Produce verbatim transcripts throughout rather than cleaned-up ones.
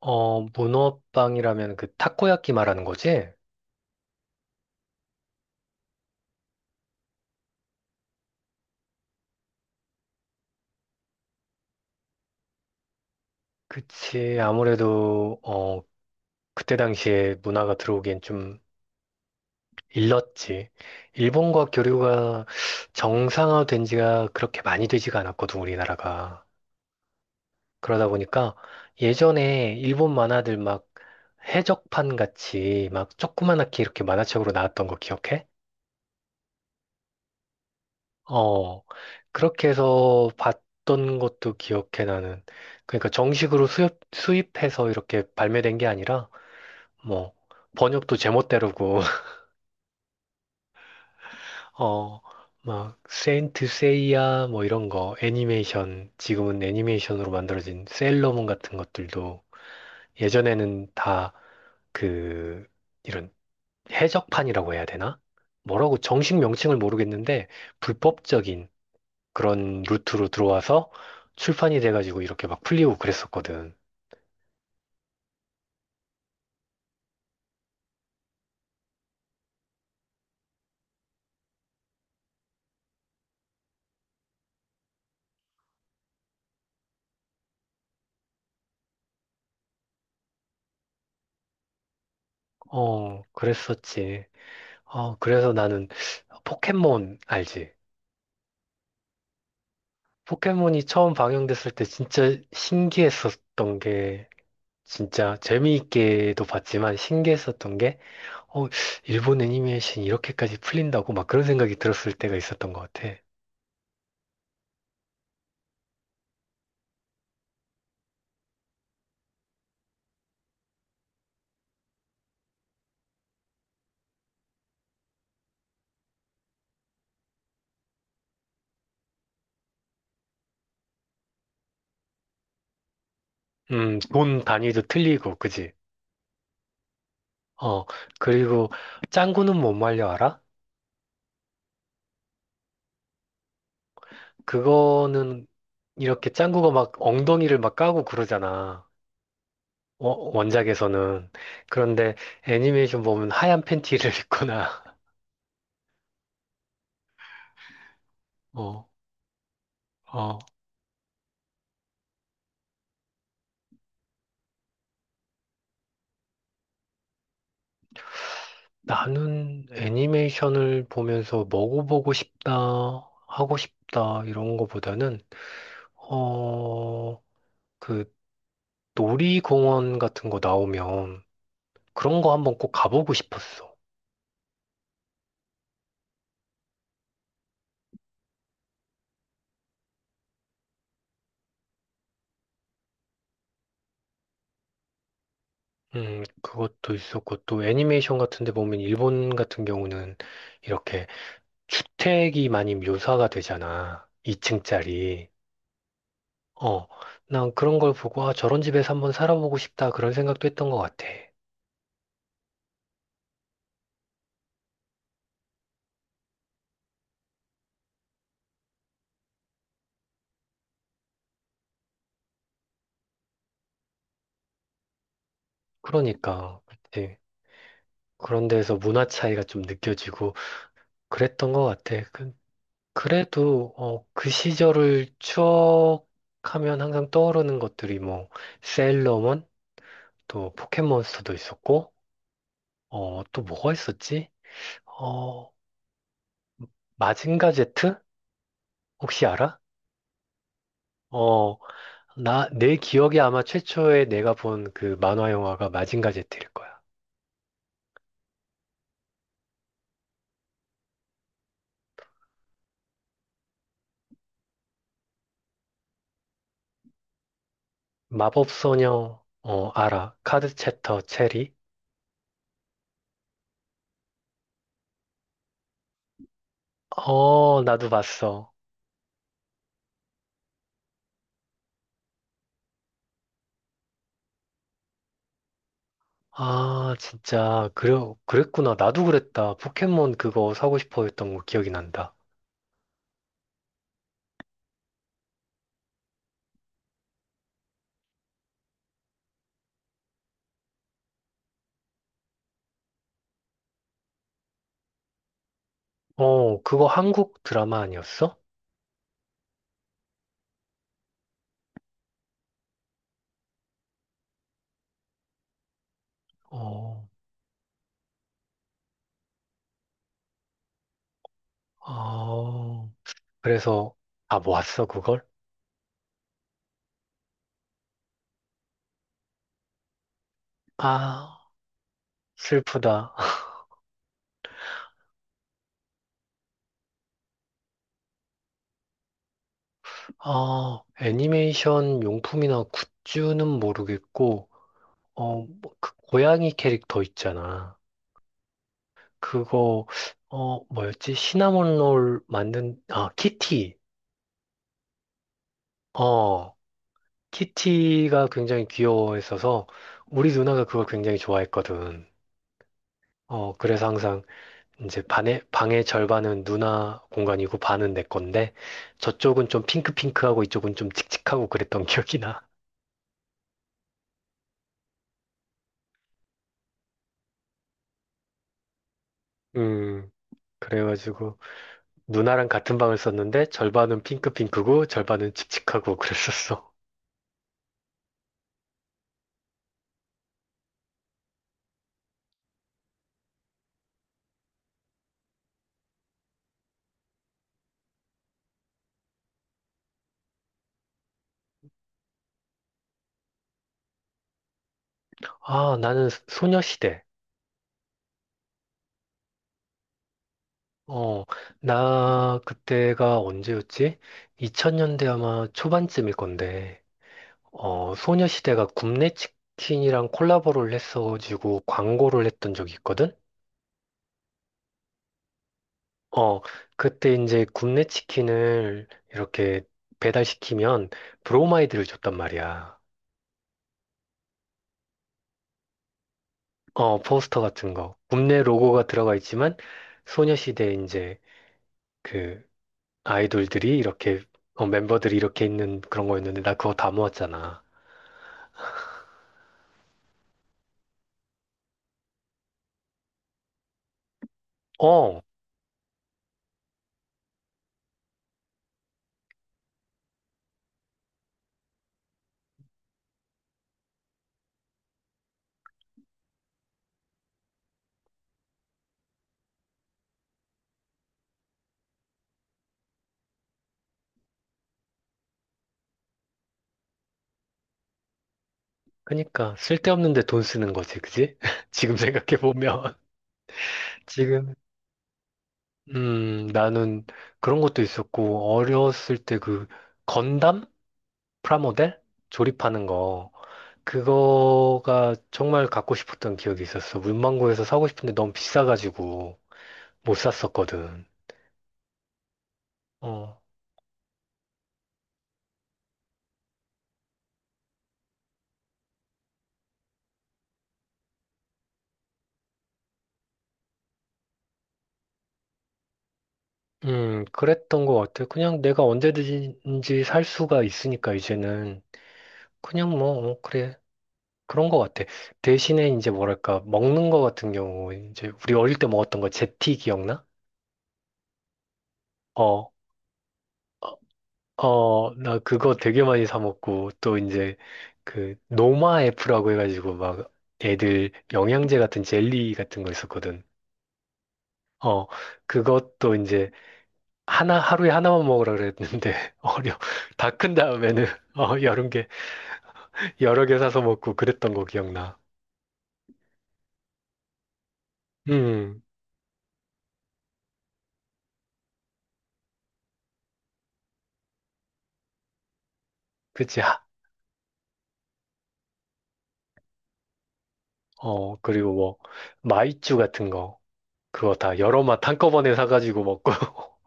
어, 문어빵이라면 그 타코야키 말하는 거지? 그치. 아무래도, 어, 그때 당시에 문화가 들어오기엔 좀 일렀지. 일본과 교류가 정상화된 지가 그렇게 많이 되지가 않았거든, 우리나라가. 그러다 보니까 예전에 일본 만화들 막 해적판 같이 막 조그만하게 이렇게 만화책으로 나왔던 거 기억해? 어, 그렇게 해서 봤던 것도 기억해, 나는. 그러니까 정식으로 수입, 수입해서 이렇게 발매된 게 아니라, 뭐, 번역도 제멋대로고, 어, 막, 세인트 세이야, 뭐 이런 거, 애니메이션, 지금은 애니메이션으로 만들어진 셀러문 같은 것들도 예전에는 다 그, 이런 해적판이라고 해야 되나? 뭐라고 정식 명칭을 모르겠는데, 불법적인, 그런 루트로 들어와서 출판이 돼가지고 이렇게 막 풀리고 그랬었거든. 어, 그랬었지. 어, 그래서 나는 포켓몬 알지? 포켓몬이 처음 방영됐을 때 진짜 신기했었던 게 진짜 재미있게도 봤지만 신기했었던 게 어, 일본 애니메이션이 이렇게까지 풀린다고 막 그런 생각이 들었을 때가 있었던 것 같아. 음, 돈 단위도 틀리고, 그지? 어, 그리고 짱구는 못 말려 알아? 그거는 이렇게 짱구가 막 엉덩이를 막 까고 그러잖아. 어, 원작에서는. 그런데 애니메이션 보면 하얀 팬티를 입거나, 어, 어, 나는 애니메이션을 보면서 먹어보고 싶다, 하고 싶다, 이런 거보다는, 어, 그 놀이공원 같은 거 나오면 그런 거 한번 꼭 가보고 싶었어. 음, 그것도 있었고, 또 애니메이션 같은 데 보면 일본 같은 경우는 이렇게 주택이 많이 묘사가 되잖아. 이 층짜리. 어, 난 그런 걸 보고, 아, 저런 집에서 한번 살아보고 싶다. 그런 생각도 했던 것 같아. 그러니까, 그치. 그런 데서 문화 차이가 좀 느껴지고 그랬던 것 같아. 그, 그래도, 어, 그 시절을 추억하면 항상 떠오르는 것들이 뭐, 세일러문, 또 포켓몬스터도 있었고, 어, 또 뭐가 있었지? 어, 마징가 제트? 혹시 알아? 어, 나, 내 기억에 아마 최초에 내가 본 그 만화 영화가 마징가 제트일 거야. 마법소녀, 어, 알아. 카드 챕터 체리. 어, 나도 봤어. 아, 진짜, 그래, 그랬구나. 나도 그랬다. 포켓몬 그거 사고 싶어 했던 거 기억이 난다. 어, 그거 한국 드라마 아니었어? 어, 어, 그래서 다 모았어, 그걸? 아, 슬프다. 아, 애니메이션 용품이나 굿즈는 모르겠고, 어, 뭐, 그 고양이 캐릭터 있잖아. 그거, 어, 뭐였지? 시나몬 롤 만든, 아, 키티. 어, 키티가 굉장히 귀여워했어서 우리 누나가 그걸 굉장히 좋아했거든. 어, 그래서 항상 이제 반의, 방의 절반은 누나 공간이고 반은 내 건데 저쪽은 좀 핑크핑크하고 이쪽은 좀 칙칙하고 그랬던 기억이 나. 음, 그래가지고 누나랑 같은 방을 썼는데 절반은 핑크핑크고 절반은 칙칙하고 그랬었어. 아, 나는 소- 소녀시대. 어, 나 그때가 언제였지? 이천 년대 아마 초반쯤일 건데, 어, 소녀시대가 굽네 치킨이랑 콜라보를 했어가지고 광고를 했던 적이 있거든? 어, 그때 이제 굽네 치킨을 이렇게 배달시키면 브로마이드를 줬단 말이야. 어, 포스터 같은 거. 굽네 로고가 들어가 있지만, 소녀시대 이제 그 아이돌들이 이렇게 어, 멤버들이 이렇게 있는 그런 거였는데 나 그거 다 모았잖아. 어, 그니까 쓸데없는데 돈 쓰는 거지, 그지? 지금 생각해 보면 지금 음 나는 그런 것도 있었고 어렸을 때 그 건담 프라모델 조립하는 거 그거가 정말 갖고 싶었던 기억이 있었어. 문방구에서 사고 싶은데 너무 비싸가지고 못 샀었거든. 어, 음, 그랬던 것 같아. 그냥 내가 언제든지 살 수가 있으니까 이제는 그냥 뭐, 어, 그래. 그런 것 같아. 대신에 이제 뭐랄까, 먹는 거 같은 경우, 이제 우리 어릴 때 먹었던 거 제티 기억나? 어, 어, 어, 나 그거 되게 많이 사 먹고 또 이제 그 노마 F라고 해가지고 막 애들 영양제 같은 젤리 같은 거 있었거든. 어, 그것도 이제 하나, 하루에 하나만 먹으라 그랬는데, 어려, 다 큰 다음에는, 어, 여름 여러 개 사서 먹고 그랬던 거 기억나. 음, 그치. 하- 어, 그리고 뭐, 마이쮸 같은 거. 그거 다 여러 맛 한꺼번에 사가지고 먹고.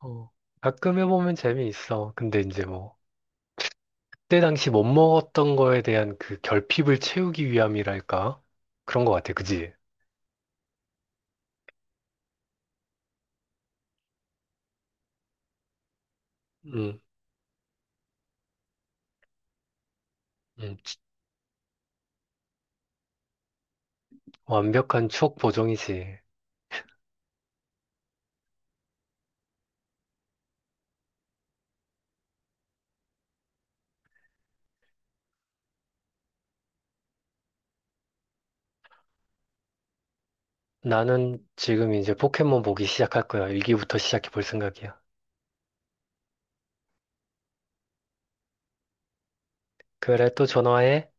어, 가끔 해보면 재미있어. 근데 이제 뭐, 그때 당시 못 먹었던 거에 대한 그 결핍을 채우기 위함이랄까? 그런 거 같아. 그지? 음, 음. 완벽한 추억 보정이지. 나는 지금 이제 포켓몬 보기 시작할 거야. 일기부터 시작해 볼 생각이야. 그래, 또 전화해.